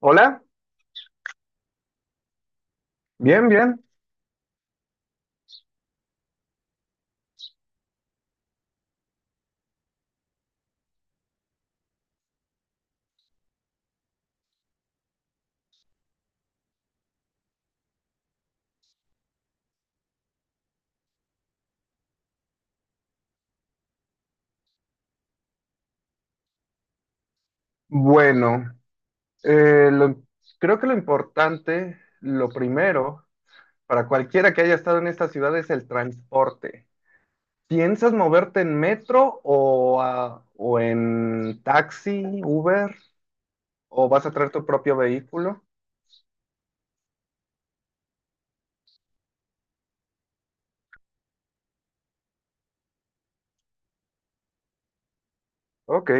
Hola, bien, bien. Bueno, eh, lo- creo que lo importante, lo primero, para cualquiera que haya estado en esta ciudad es el transporte. ¿Piensas moverte en metro o o en taxi, Uber, o vas a traer tu propio vehículo? Ok.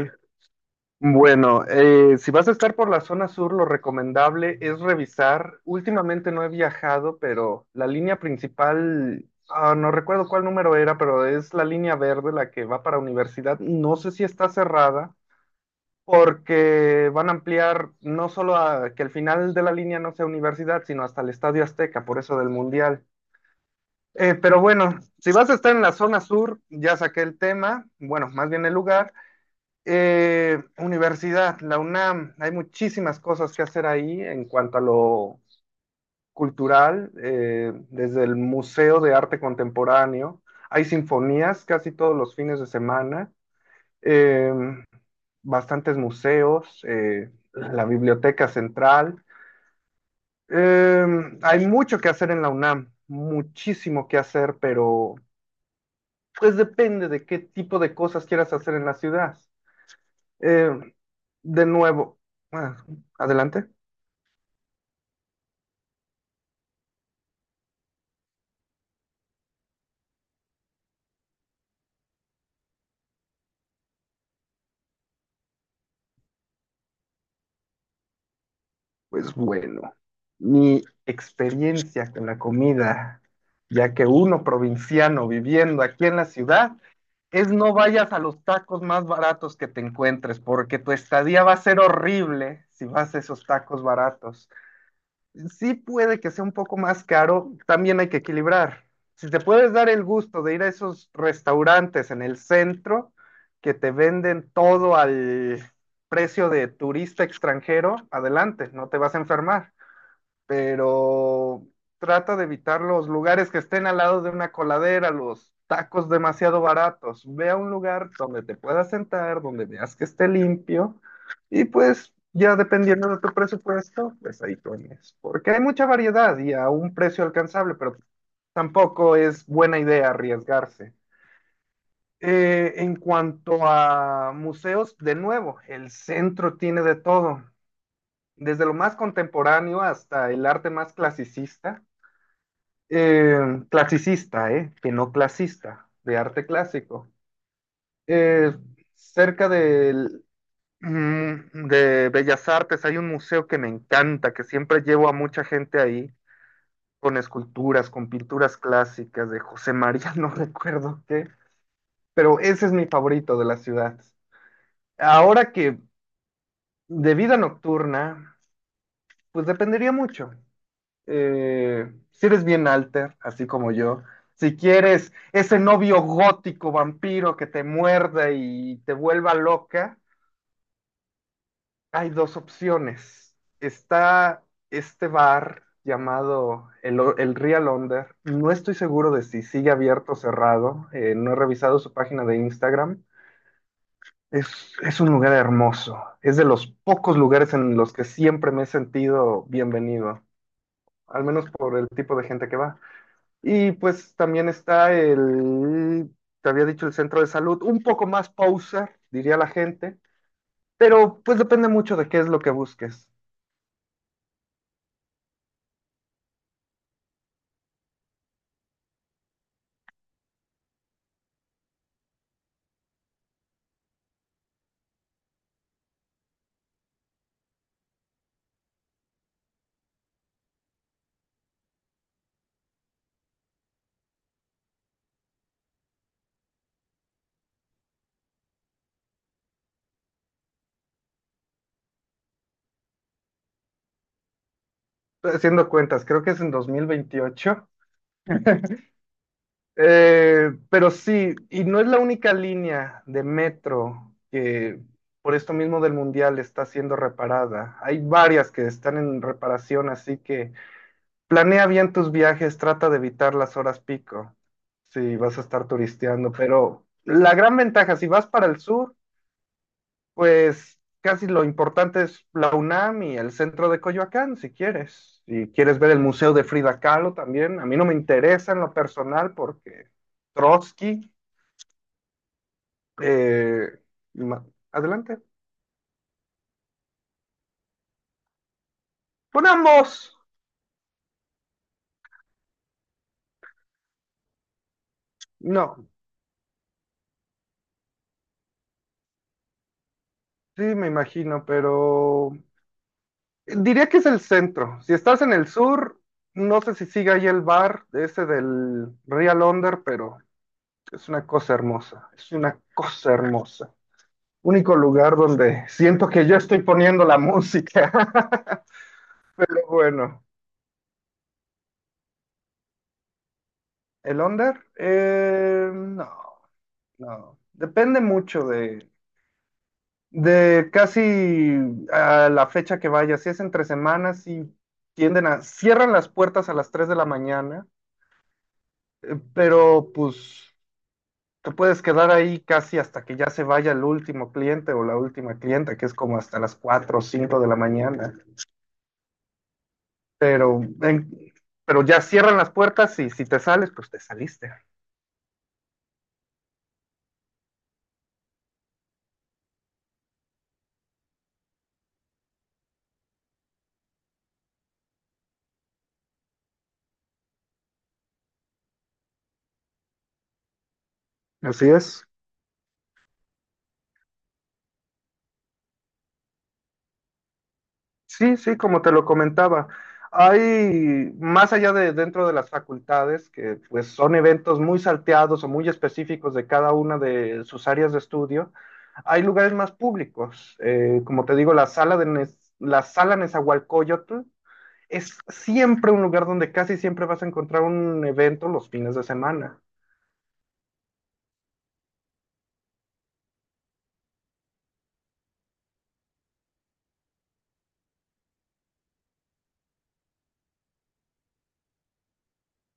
Bueno, si vas a estar por la zona sur, lo recomendable es revisar. Últimamente no he viajado, pero la línea principal, no recuerdo cuál número era, pero es la línea verde, la que va para universidad. No sé si está cerrada, porque van a ampliar no solo a que el final de la línea no sea universidad, sino hasta el Estadio Azteca, por eso del Mundial. Pero bueno, si vas a estar en la zona sur, ya saqué el tema, bueno, más bien el lugar. Universidad, la UNAM, hay muchísimas cosas que hacer ahí en cuanto a lo cultural, desde el Museo de Arte Contemporáneo, hay sinfonías casi todos los fines de semana, eh, bastantes museos, la Biblioteca Central, eh, hay mucho que hacer en la UNAM, muchísimo que hacer, pero pues depende de qué tipo de cosas quieras hacer en la ciudad. Eh, de nuevo, bueno, adelante. Pues bueno, mi experiencia con la comida, ya que uno provinciano viviendo aquí en la ciudad, es no vayas a los tacos más baratos que te encuentres, porque tu estadía va a ser horrible si vas a esos tacos baratos. Sí puede que sea un poco más caro, también hay que equilibrar. Si te puedes dar el gusto de ir a esos restaurantes en el centro que te venden todo al precio de turista extranjero, adelante, no te vas a enfermar, pero trata de evitar los lugares que estén al lado de una coladera, los tacos demasiado baratos. Ve a un lugar donde te puedas sentar, donde veas que esté limpio y pues ya dependiendo de tu presupuesto, pues ahí pones. Porque hay mucha variedad y a un precio alcanzable, pero tampoco es buena idea arriesgarse. En cuanto a museos, de nuevo, el centro tiene de todo, desde lo más contemporáneo hasta el arte más clasicista, eh, que no clasista, de arte clásico. Eh, cerca de Bellas Artes hay un museo que me encanta, que siempre llevo a mucha gente ahí, con esculturas, con pinturas clásicas de José María, no recuerdo qué, pero ese es mi favorito de la ciudad. Ahora que de vida nocturna, pues dependería mucho. Si eres bien alter, así como yo, si quieres ese novio gótico vampiro que te muerde y te vuelva loca, hay dos opciones. Está este bar llamado el Real Under. No estoy seguro de si sigue abierto o cerrado. No he revisado su página de Instagram. Es, es un lugar hermoso. Es de los pocos lugares en los que siempre me he sentido bienvenido, al menos por el tipo de gente que va. Y pues también está el, te había dicho, el centro de salud, un poco más pausa, diría la gente, pero pues depende mucho de qué es lo que busques. Estoy haciendo cuentas, creo que es en 2028. Pero sí, y no es la única línea de metro que por esto mismo del mundial está siendo reparada. Hay varias que están en reparación, así que planea bien tus viajes, trata de evitar las horas pico si vas a estar turisteando, pero la gran ventaja, si vas para el sur, pues casi lo importante es la UNAM y el centro de Coyoacán, si quieres. Si quieres ver el Museo de Frida Kahlo también, a mí no me interesa en lo personal porque Trotsky, eh, ma- adelante. Con ambos, no, sí me imagino, pero diría que es el centro. Si estás en el sur, no sé si sigue ahí el bar ese del Real Under, pero es una cosa hermosa. Es una cosa hermosa. Único lugar donde siento que yo estoy poniendo la música. Pero bueno, ¿el Under? No. no. Depende mucho de casi a la fecha que vaya. Si es entre semanas, y tienden a... Cierran las puertas a las 3 de la mañana, pero pues te puedes quedar ahí casi hasta que ya se vaya el último cliente o la última clienta, que es como hasta las 4 o 5 de la mañana. Pero, en- pero ya cierran las puertas y si te sales, pues te saliste. Así es. Sí, sí, como te lo comentaba. Hay, más allá de dentro de las facultades, que pues son eventos muy salteados o muy específicos de cada una de sus áreas de estudio, hay lugares más públicos. Como te digo, la sala Nezahualcóyotl es siempre un lugar donde casi siempre vas a encontrar un evento los fines de semana.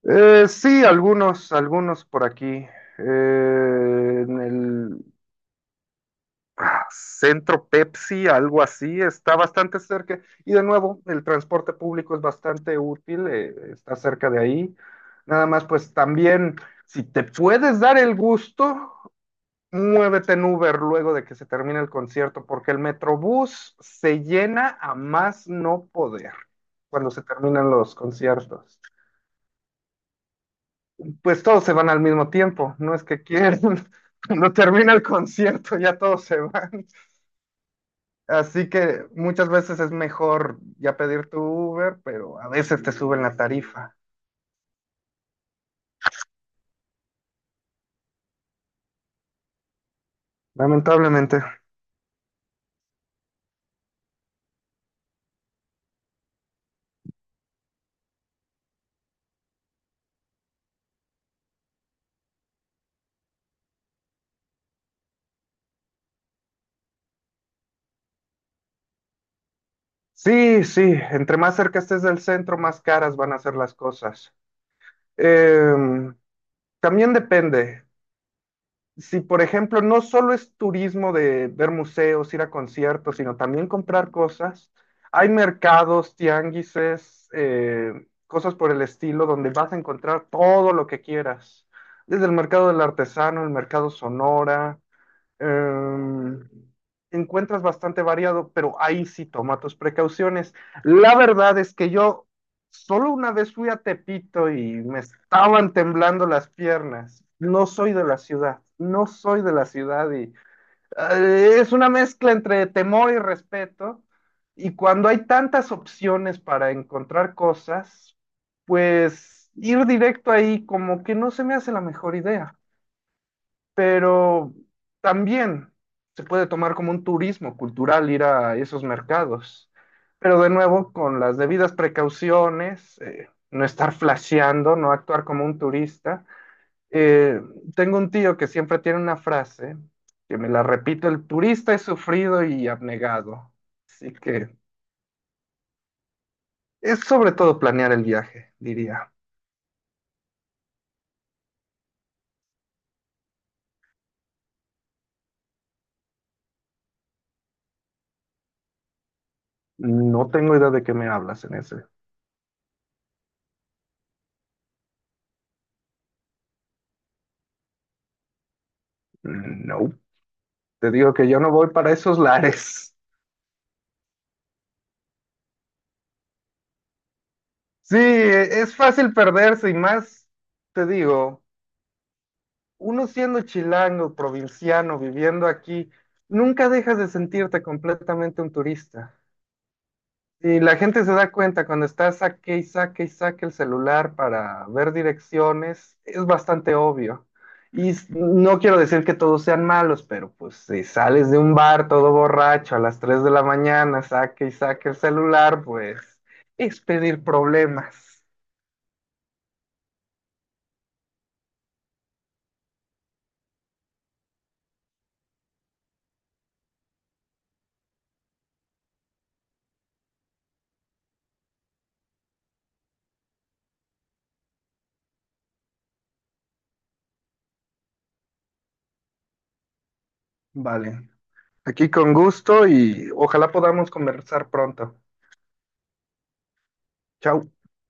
Sí, algunos, algunos por aquí. En el centro Pepsi, algo así, está bastante cerca. Y de nuevo, el transporte público es bastante útil, está cerca de ahí. Nada más, pues también, si te puedes dar el gusto, muévete en Uber luego de que se termine el concierto, porque el Metrobús se llena a más no poder cuando se terminan los conciertos. Pues todos se van al mismo tiempo, no es que quieran. Cuando termina el concierto ya todos se van. Así que muchas veces es mejor ya pedir tu Uber, pero a veces te suben la tarifa, lamentablemente. Sí, sí, entre más cerca estés del centro, más caras van a ser las cosas. Em, también depende. Si, por ejemplo, no solo es turismo de ver museos, ir a conciertos, sino también comprar cosas, hay mercados, tianguises, cosas por el estilo, donde vas a encontrar todo lo que quieras. Desde el mercado del artesano, el mercado Sonora, em, encuentras bastante variado, pero ahí sí toma tus precauciones. La verdad es que yo solo una vez fui a Tepito y me estaban temblando las piernas. No soy de la ciudad, no soy de la ciudad y es una mezcla entre temor y respeto. Y cuando hay tantas opciones para encontrar cosas, pues ir directo ahí como que no se me hace la mejor idea, pero también se puede tomar como un turismo cultural ir a esos mercados. Pero de nuevo, con las debidas precauciones, no estar flasheando, no actuar como un turista. Eh, tengo un tío que siempre tiene una frase que me la repito, el turista es sufrido y abnegado. Así que es sobre todo planear el viaje, diría. No tengo idea de qué me hablas en ese. No, te digo que yo no voy para esos lares. Sí, es fácil perderse y más, te digo, uno siendo chilango, provinciano, viviendo aquí, nunca dejas de sentirte completamente un turista. Y la gente se da cuenta cuando estás saque y saque y saque el celular para ver direcciones, es bastante obvio. Y no quiero decir que todos sean malos, pero pues si sales de un bar todo borracho a las 3 de la mañana, saque y saque el celular, pues es pedir problemas. Vale. Aquí con gusto y ojalá podamos conversar pronto. Chao.